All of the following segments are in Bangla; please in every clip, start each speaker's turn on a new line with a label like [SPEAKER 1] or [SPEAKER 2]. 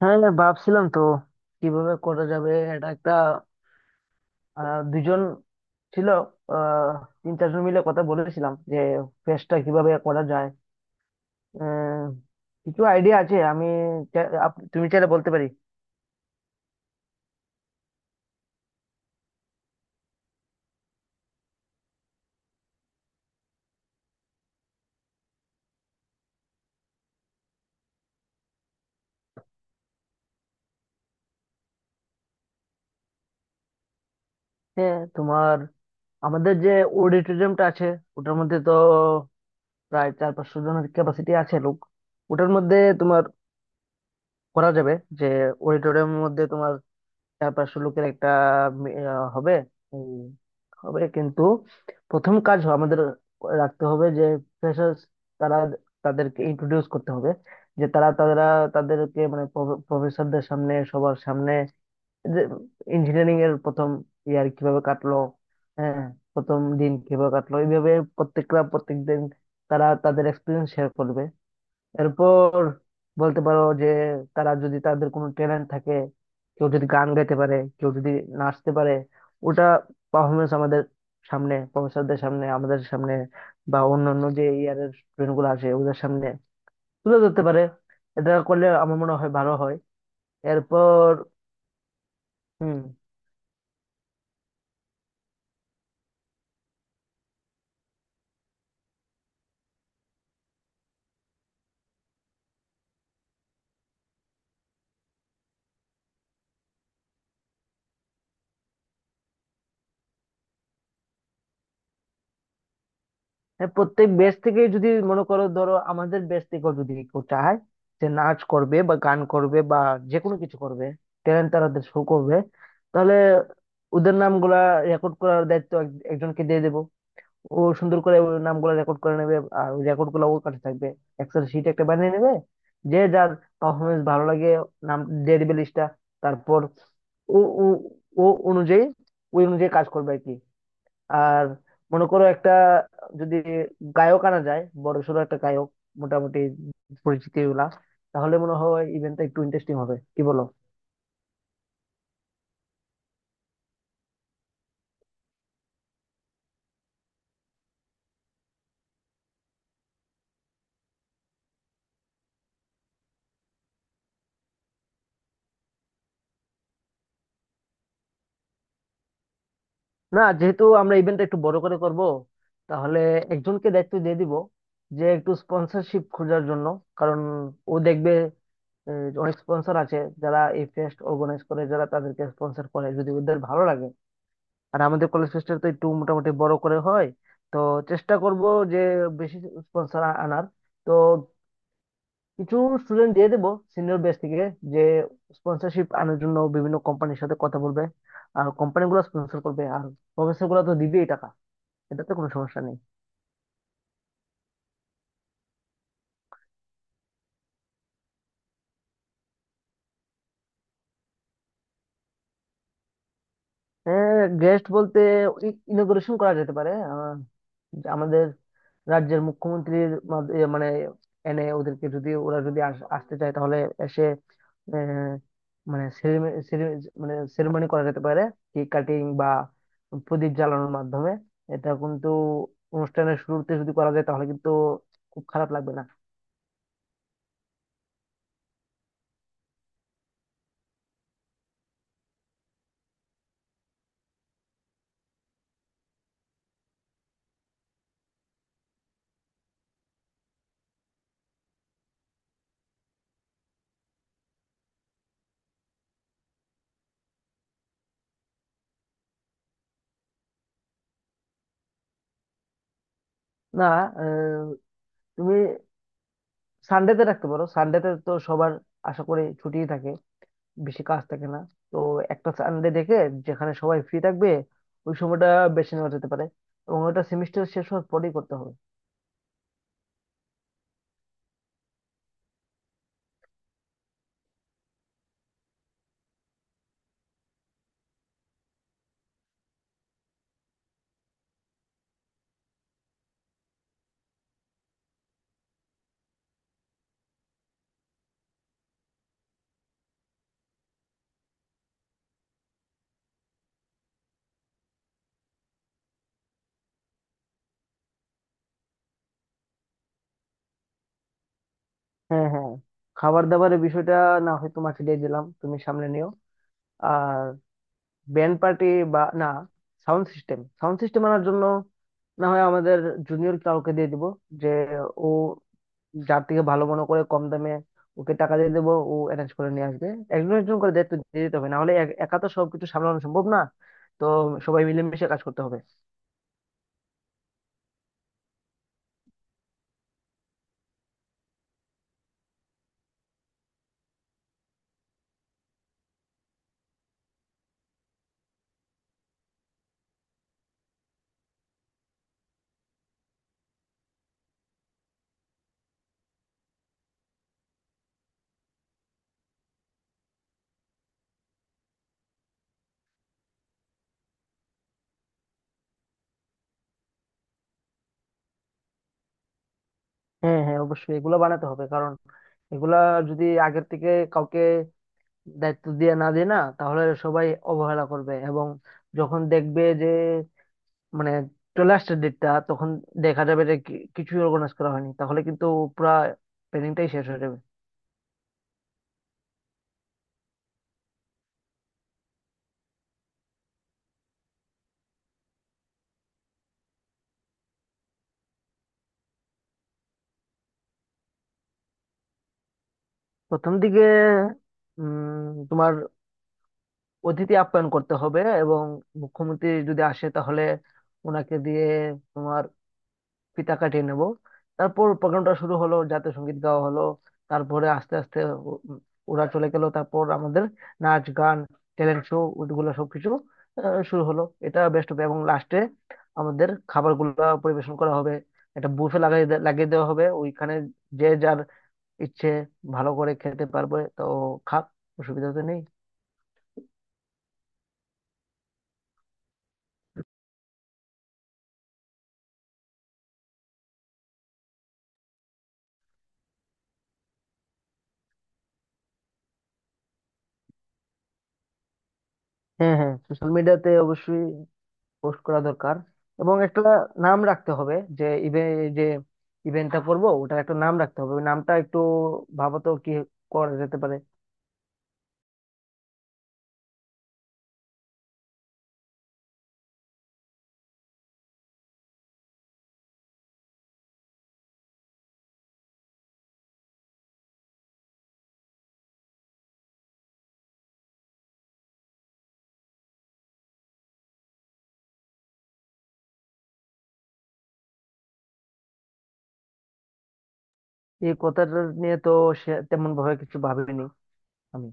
[SPEAKER 1] হ্যাঁ হ্যাঁ, ভাবছিলাম তো কিভাবে করা যাবে। এটা একটা দুজন ছিল, আহ, তিন চারজন মিলে কথা বলেছিলাম যে ফেস্টটা কিভাবে করা যায়। আহ, কিছু আইডিয়া আছে, আমি তুমি চাইলে বলতে পারি। হ্যাঁ, তোমার আমাদের যে অডিটোরিয়ামটা আছে ওটার মধ্যে তো প্রায় 400-500 জনের ক্যাপাসিটি আছে লোক। ওটার মধ্যে তোমার করা যাবে, যে অডিটোরিয়ামের মধ্যে তোমার 400-500 লোকের একটা হবে হবে কিন্তু প্রথম কাজ আমাদের রাখতে হবে যে ফ্রেশার্স তারা, তাদেরকে ইন্ট্রোডিউস করতে হবে যে তারা তারা তাদেরকে মানে প্রফেসরদের সামনে সবার সামনে, যে ইঞ্জিনিয়ারিং এর প্রথম ইয়ার কিভাবে কাটলো। হ্যাঁ, প্রথম দিন কিভাবে কাটলো, এইভাবে প্রত্যেকটা প্রত্যেকদিন তারা তাদের এক্সপিরিয়েন্স শেয়ার করবে। এরপর বলতে পারো যে তারা যদি তাদের কোনো ট্যালেন্ট থাকে, কেউ যদি গান গাইতে পারে কেউ যদি নাচতে পারে, ওটা পারফরমেন্স আমাদের সামনে, প্রফেসরদের সামনে, আমাদের সামনে বা অন্যান্য যে ইয়ারের স্টুডেন্ট গুলো আসে ওদের সামনে তুলে ধরতে পারে। এটা করলে আমার মনে হয় ভালো হয়। এরপর হম। হ্যাঁ, প্রত্যেক ব্যাচ থেকে যদি মনে করো, ধরো আমাদের ব্যাচ থেকেও যদি কেউ চায় যে নাচ করবে বা গান করবে বা যে কোনো কিছু করবে, ট্যালেন্ট তারা শো করবে, তাহলে ওদের নামগুলা রেকর্ড করার দায়িত্ব একজনকে দিয়ে দেবো। ও সুন্দর করে ওই নামগুলা রেকর্ড করে নেবে, আর ওই রেকর্ড গুলা ওর কাছে থাকবে, এক্সেল শিট একটা বানিয়ে নেবে। যে যার পারফরমেন্স ভালো লাগে, নাম দিয়ে দিবে লিস্টটা। তারপর ও ও ও অনুযায়ী ওই অনুযায়ী কাজ করবে আর কি। আর মনে করো একটা যদি গায়ক আনা যায়, বড়সড় একটা গায়ক, মোটামুটি পরিচিতি গুলা, তাহলে মনে হয় ইভেন্টটা একটু ইন্টারেস্টিং হবে, কি বলো? না, যেহেতু আমরা ইভেন্টটা একটু বড় করে করব, তাহলে একজনকে দায়িত্ব দিয়ে দিব যে একটু স্পন্সরশিপ খোঁজার জন্য। কারণ ও দেখবে, অনেক স্পন্সর আছে যারা এই ফেস্ট অর্গানাইজ করে, যারা তাদেরকে স্পন্সর করে যদি ওদের ভালো লাগে। আর আমাদের কলেজ ফেস্টটা তো একটু মোটামুটি বড় করে হয়, তো চেষ্টা করব যে বেশি স্পন্সর আনার। তো কিছু স্টুডেন্ট দিয়ে দেবো সিনিয়র ব্যাচ থেকে, যে স্পন্সরশিপ আনার জন্য বিভিন্ন কোম্পানির সাথে কথা বলবে। আর কোম্পানিগুলো স্পন্সর করবে, আর প্রফেসর গুলো তো দিবেই টাকা, এটাতে কোনো সমস্যা নেই। হ্যাঁ, গেস্ট বলতে ইনোগ্রেশন করা যেতে পারে। যে আমাদের রাজ্যের মুখ্যমন্ত্রীর এ মানে এনে, ওদেরকে যদি, ওরা যদি আসতে চায় তাহলে এসে, আহ, মানে মানে সেরেমনি করা যেতে পারে। কেক কাটিং বা প্রদীপ জ্বালানোর মাধ্যমে। এটা কিন্তু অনুষ্ঠানের শুরুতে যদি করা যায় তাহলে কিন্তু খুব খারাপ লাগবে না। না, আহ, তুমি সানডেতে রাখতে পারো। সানডেতে তো সবার আশা করি ছুটিই থাকে, বেশি কাজ থাকে না। তো একটা সানডে দেখে, যেখানে সবাই ফ্রি থাকবে, ওই সময়টা বেছে নেওয়া যেতে পারে। এবং ওটা সেমিস্টার শেষ হওয়ার পরেই করতে হবে। হ্যাঁ হ্যাঁ, খাবার দাবারের বিষয়টা না হয় তোমাকে দিয়ে দিলাম, তুমি সামনে নিও। আর ব্যান্ড পার্টি বা না, সাউন্ড সিস্টেম আনার জন্য না হয় আমাদের জুনিয়র কাউকে দিয়ে দিব, যে ও যার থেকে ভালো মনে করে কম দামে, ওকে টাকা দিয়ে দেবো, ও অ্যারেঞ্জ করে নিয়ে আসবে। একজন একজন করে দায়িত্ব দিয়ে দিতে হবে, না হলে একা তো সবকিছু সামলানো সম্ভব না। তো সবাই মিলেমিশে কাজ করতে হবে। হ্যাঁ হ্যাঁ, অবশ্যই এগুলো বানাতে হবে। কারণ এগুলা যদি আগের থেকে কাউকে দায়িত্ব দিয়ে না দেয় না, তাহলে সবাই অবহেলা করবে, এবং যখন দেখবে যে মানে চলে আসছে ডেটটা, তখন দেখা যাবে যে কিছুই অর্গানাইজ করা হয়নি, তাহলে কিন্তু পুরা প্ল্যানিংটাই শেষ হয়ে যাবে। প্রথম দিকে উম, তোমার অতিথি আপ্যায়ন করতে হবে, এবং মুখ্যমন্ত্রী যদি আসে তাহলে ওনাকে দিয়ে তোমার ফিতা কাটিয়ে নেব। তারপর প্রোগ্রামটা শুরু হলো, জাতীয় সঙ্গীত গাওয়া হলো। তারপরে আস্তে আস্তে ও- ওরা চলে গেল, তারপর আমাদের নাচ গান ট্যালেন্ট শো ওগুলো সবকিছু শুরু হলো, এটা বেস্ট হবে। এবং লাস্টে আমাদের খাবারগুলো পরিবেশন করা হবে। একটা বুফে লাগিয়ে দেওয়া হবে ওইখানে, যে যার ইচ্ছে ভালো করে খেতে পারবে, তো খাক, অসুবিধা তো নেই। হ্যাঁ হ্যাঁ, সোশ্যাল মিডিয়াতে অবশ্যই পোস্ট করা দরকার। এবং একটা নাম রাখতে হবে, যে যে ইভেন্টটা করব ওটার একটা নাম রাখতে হবে, ওই নামটা একটু ভাবো তো কি করা যেতে পারে। এই কথাটা নিয়ে তো সে তেমন ভাবে কিছু ভাবিনি আমি।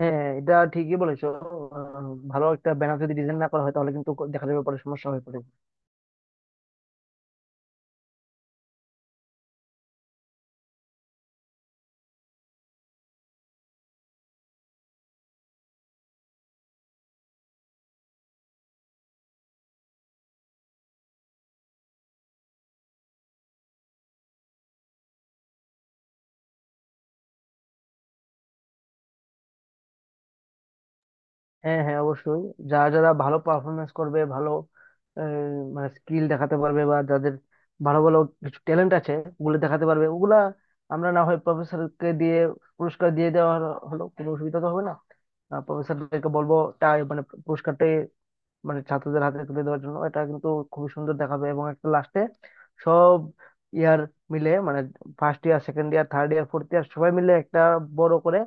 [SPEAKER 1] হ্যাঁ, এটা ঠিকই বলেছো। ভালো একটা ব্যানার যদি ডিজাইন না করা হয় তাহলে কিন্তু দেখা যাবে পরে সমস্যা হয়ে পড়ে। হ্যাঁ হ্যাঁ, অবশ্যই। যারা যারা ভালো পারফরমেন্স করবে, ভালো মানে স্কিল দেখাতে পারবে, বা যাদের ভালো ভালো কিছু ট্যালেন্ট আছে ওগুলো দেখাতে পারবে, ওগুলা আমরা না হয় প্রফেসরকে দিয়ে পুরস্কার দিয়ে দেওয়া হলো হলো, কোনো অসুবিধা তো হবে না। প্রফেসরদেরকে বলবো তাই, মানে পুরস্কারটা মানে ছাত্রদের হাতে তুলে দেওয়ার জন্য, এটা কিন্তু খুবই সুন্দর দেখাবে। এবং একটা লাস্টে সব ইয়ার মিলে, মানে first year second year third year fourth year সবাই মিলে একটা বড় করে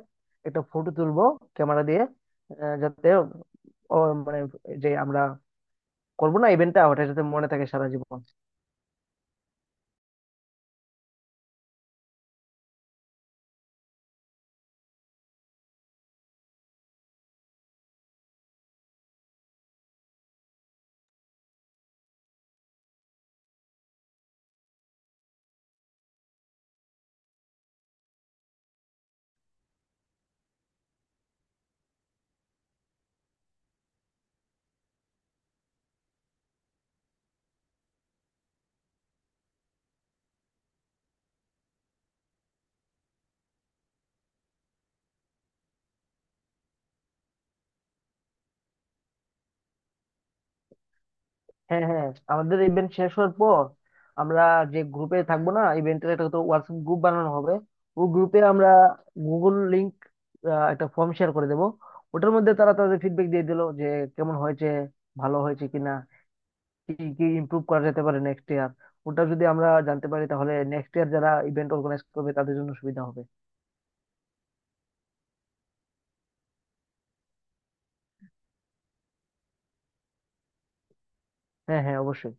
[SPEAKER 1] একটা ফটো তুলবো ক্যামেরা দিয়ে, যাতে ও মানে যে আমরা করবো না ইভেন্টটা, ওটা যাতে মনে থাকে সারা জীবন। হ্যাঁ হ্যাঁ, আমাদের ইভেন্ট শেষ হওয়ার পর আমরা যে গ্রুপে থাকবো না, ইভেন্টের একটা তো হোয়াটসঅ্যাপ গ্রুপ বানানো হবে, ওই গ্রুপে আমরা গুগল লিংক একটা ফর্ম শেয়ার করে দেবো। ওটার মধ্যে তারা তাদের ফিডব্যাক দিয়ে দিলো যে কেমন হয়েছে, ভালো হয়েছে কিনা, কি কি ইমপ্রুভ করা যেতে পারে নেক্সট ইয়ার। ওটা যদি আমরা জানতে পারি তাহলে নেক্সট ইয়ার যারা ইভেন্ট অর্গানাইজ করবে তাদের জন্য সুবিধা হবে। হ্যাঁ হ্যাঁ, অবশ্যই।